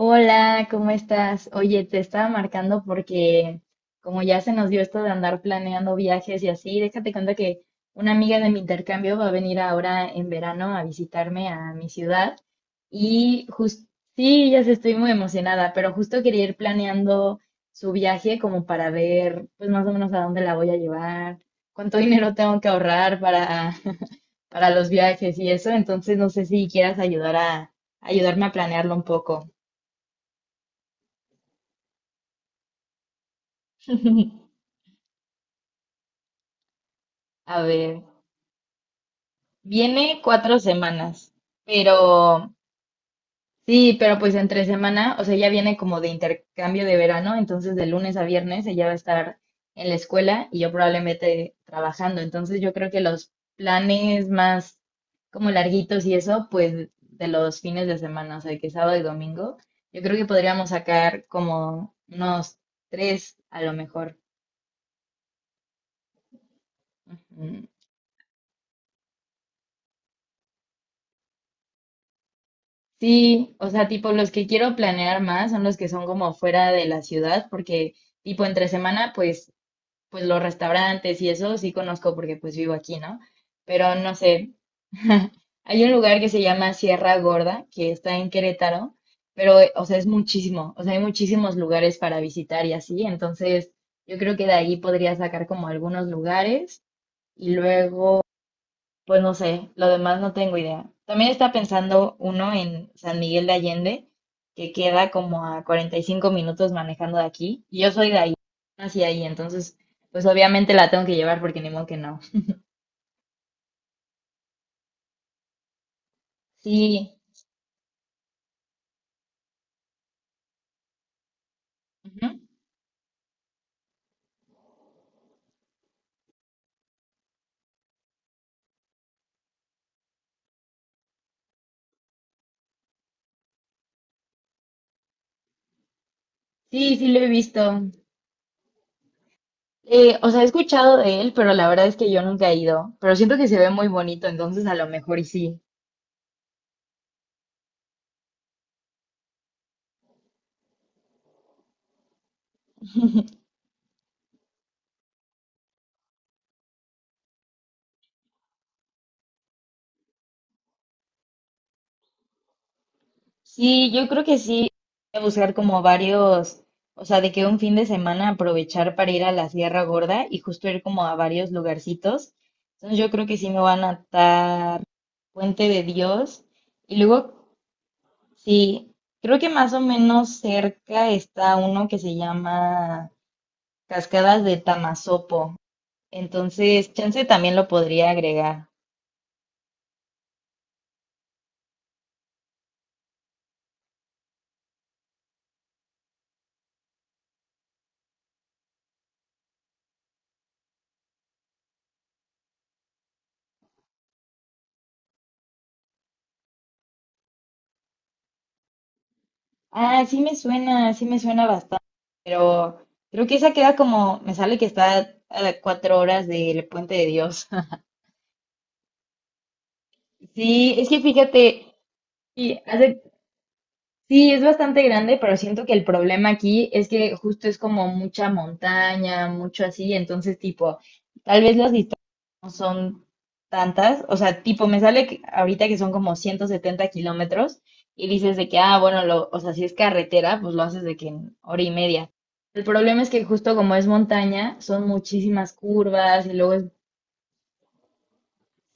Hola, ¿cómo estás? Oye, te estaba marcando porque como ya se nos dio esto de andar planeando viajes y así, déjate cuenta que una amiga de mi intercambio va a venir ahora en verano a visitarme a mi ciudad y justo, sí, ya sé, estoy muy emocionada, pero justo quería ir planeando su viaje como para ver pues más o menos a dónde la voy a llevar, cuánto dinero tengo que ahorrar para, para los viajes y eso, entonces no sé si quieras ayudar a ayudarme a planearlo un poco. A ver, viene cuatro semanas, pero sí, pero pues entre semana, o sea, ella viene como de intercambio de verano, entonces de lunes a viernes ella va a estar en la escuela y yo probablemente trabajando, entonces yo creo que los planes más como larguitos y eso, pues de los fines de semana, o sea, que sábado y domingo, yo creo que podríamos sacar como unos tres a lo mejor. Sí, o sea, tipo, los que quiero planear más son los que son como fuera de la ciudad, porque tipo entre semana, pues, pues los restaurantes y eso sí conozco porque pues vivo aquí, ¿no? Pero no sé, hay un lugar que se llama Sierra Gorda, que está en Querétaro, pero, o sea, es muchísimo, o sea, hay muchísimos lugares para visitar y así, entonces yo creo que de ahí podría sacar como algunos lugares y luego... Pues no sé, lo demás no tengo idea. También está pensando uno en San Miguel de Allende, que queda como a 45 minutos manejando de aquí, y yo soy de ahí, hacia ahí, entonces, pues obviamente la tengo que llevar porque ni modo que no. Sí, ujú. Sí, sí lo he visto. O sea, he escuchado de él, pero la verdad es que yo nunca he ido, pero siento que se ve muy bonito, entonces a lo mejor y sí. Sí, yo creo que sí, voy a buscar como varios, o sea, de que un fin de semana aprovechar para ir a la Sierra Gorda y justo ir como a varios lugarcitos. Entonces yo creo que sí me van a atar Puente de Dios. Y luego, sí, creo que más o menos cerca está uno que se llama Cascadas de Tamasopo. Entonces, chance también lo podría agregar. Ah, sí me suena bastante, pero creo que esa queda como, me sale que está a 4 horas del Puente de Dios. Sí, es que fíjate, y hace sí, es bastante grande, pero siento que el problema aquí es que justo es como mucha montaña, mucho así, entonces tipo, tal vez las distancias no son tantas, o sea, tipo, me sale que- ahorita que son como 170 kilómetros y dices de que, ah, bueno, lo, o sea, si es carretera, pues lo haces de que en hora y media. El problema es que justo como es montaña, son muchísimas curvas y luego es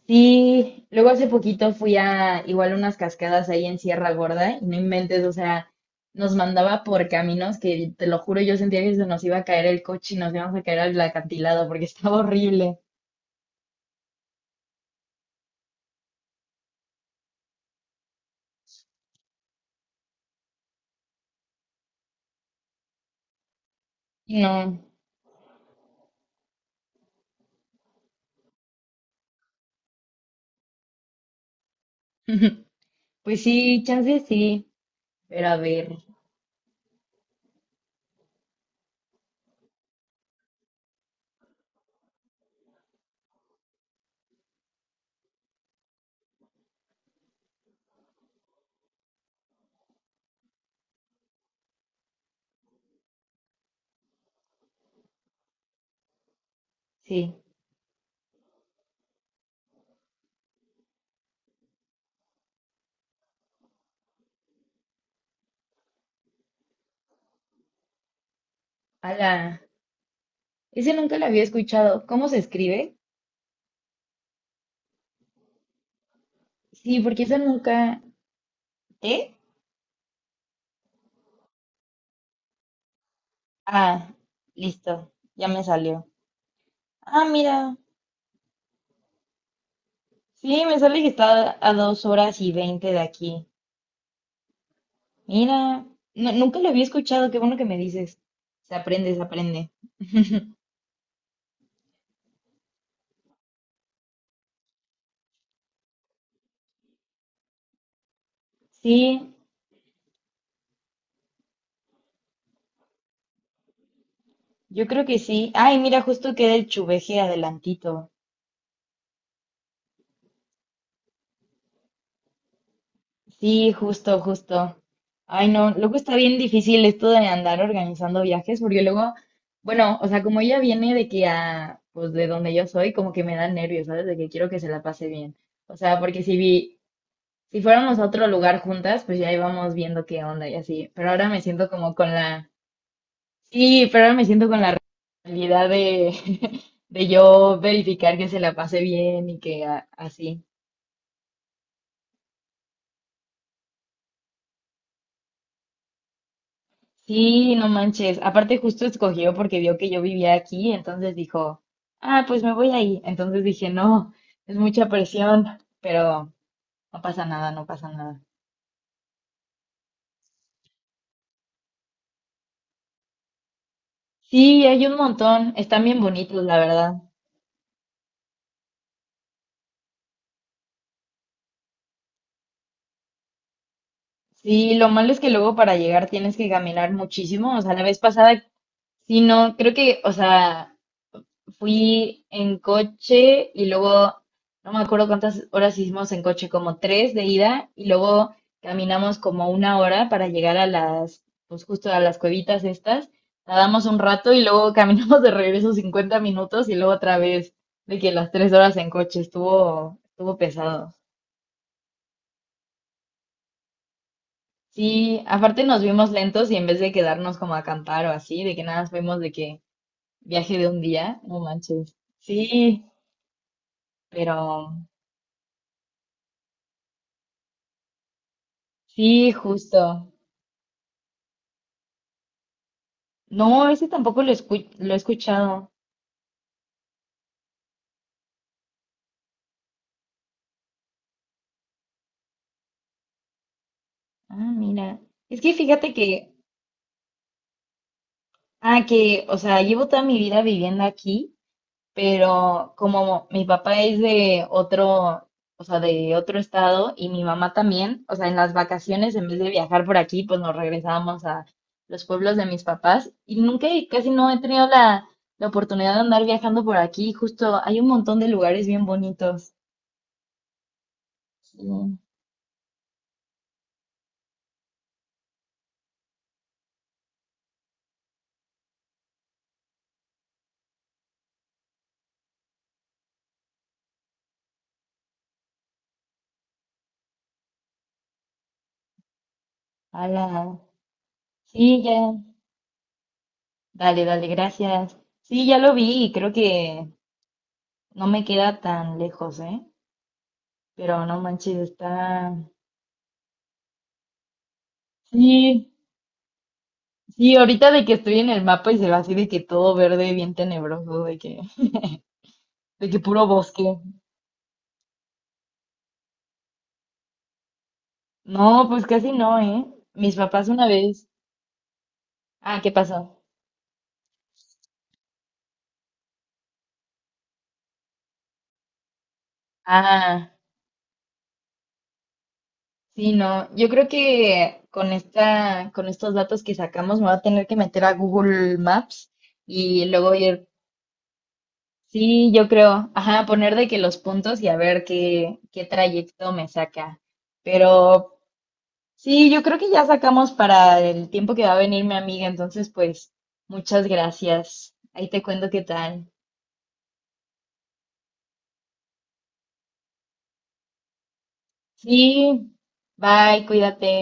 sí, luego hace poquito fui a igual unas cascadas ahí en Sierra Gorda y no inventes, o sea, nos mandaba por caminos que te lo juro, yo sentía que se nos iba a caer el coche y nos íbamos a caer al acantilado porque estaba horrible. No, pues sí, chance sí, pero a ver, sí, ala, ese nunca lo había escuchado. ¿Cómo se escribe? Sí, porque ese nunca. ¿T? Ah, listo, ya me salió. Ah, mira. Sí, me sale que está a 2 horas y 20 de aquí. Mira, no- nunca lo había escuchado, qué bueno que me dices. Se aprende, se aprende. Sí, yo creo que sí. Ay, mira, justo queda el chuveje adelantito. Sí, justo, justo. Ay, no, luego está bien difícil esto de andar organizando viajes, porque luego, bueno, o sea, como ella viene de que a, pues de donde yo soy, como que me da nervios, ¿sabes? De que quiero que se la pase bien. O sea, porque si vi, si fuéramos a otro lugar juntas, pues ya íbamos viendo qué onda y así. Pero ahora me siento como con la... Sí, pero ahora me siento con la realidad de, de yo verificar que se la pase bien y que a- así. Sí, no manches. Aparte justo escogió porque vio que yo vivía aquí, entonces dijo, ah, pues me voy ahí. Entonces dije, no, es mucha presión, pero no pasa nada, no pasa nada. Sí, hay un montón. Están bien bonitos, la verdad. Sí, lo malo es que luego para llegar tienes que caminar muchísimo. O sea, la vez pasada, sí, no, creo que, o sea, fui en coche y luego, no me acuerdo cuántas horas hicimos en coche, como tres de ida y luego caminamos como una hora para llegar a las, pues justo a las cuevitas estas. Nadamos un rato y luego caminamos de regreso 50 minutos y luego otra vez de que las 3 horas en coche estuvo, estuvo pesado. Sí, aparte nos vimos lentos y en vez de quedarnos como a acampar o así, de que nada más vemos de que viaje de un día, no manches. Sí, pero sí, justo. No, ese tampoco lo escu- lo he escuchado. Ah, mira. Es que fíjate que, ah, que, o sea, llevo toda mi vida viviendo aquí pero como mi papá es de otro, o sea, de otro estado y mi mamá también, o sea, en las vacaciones en vez de viajar por aquí, pues nos regresábamos a los pueblos de mis papás y nunca, y casi no he tenido la, la oportunidad de andar viajando por aquí, justo hay un montón de lugares bien bonitos. Sí, ala, sí, ya, dale, dale, gracias. Sí, ya lo vi y creo que no me queda tan lejos, ¿eh? Pero no manches, está... Sí, sí, ahorita de que estoy en el mapa y se ve así de que todo verde, bien tenebroso, de que puro bosque. No, pues casi no, ¿eh? Mis papás una vez. Ah, ¿qué pasó? Ah, sí, no. Yo creo que con esta, con estos datos que sacamos me voy a tener que meter a Google Maps y luego ir. Sí, yo creo. Ajá, poner de que los puntos y a ver qué, qué trayecto me saca. Pero sí, yo creo que ya sacamos para el tiempo que va a venir mi amiga, entonces pues muchas gracias. Ahí te cuento qué tal. Sí, bye, cuídate.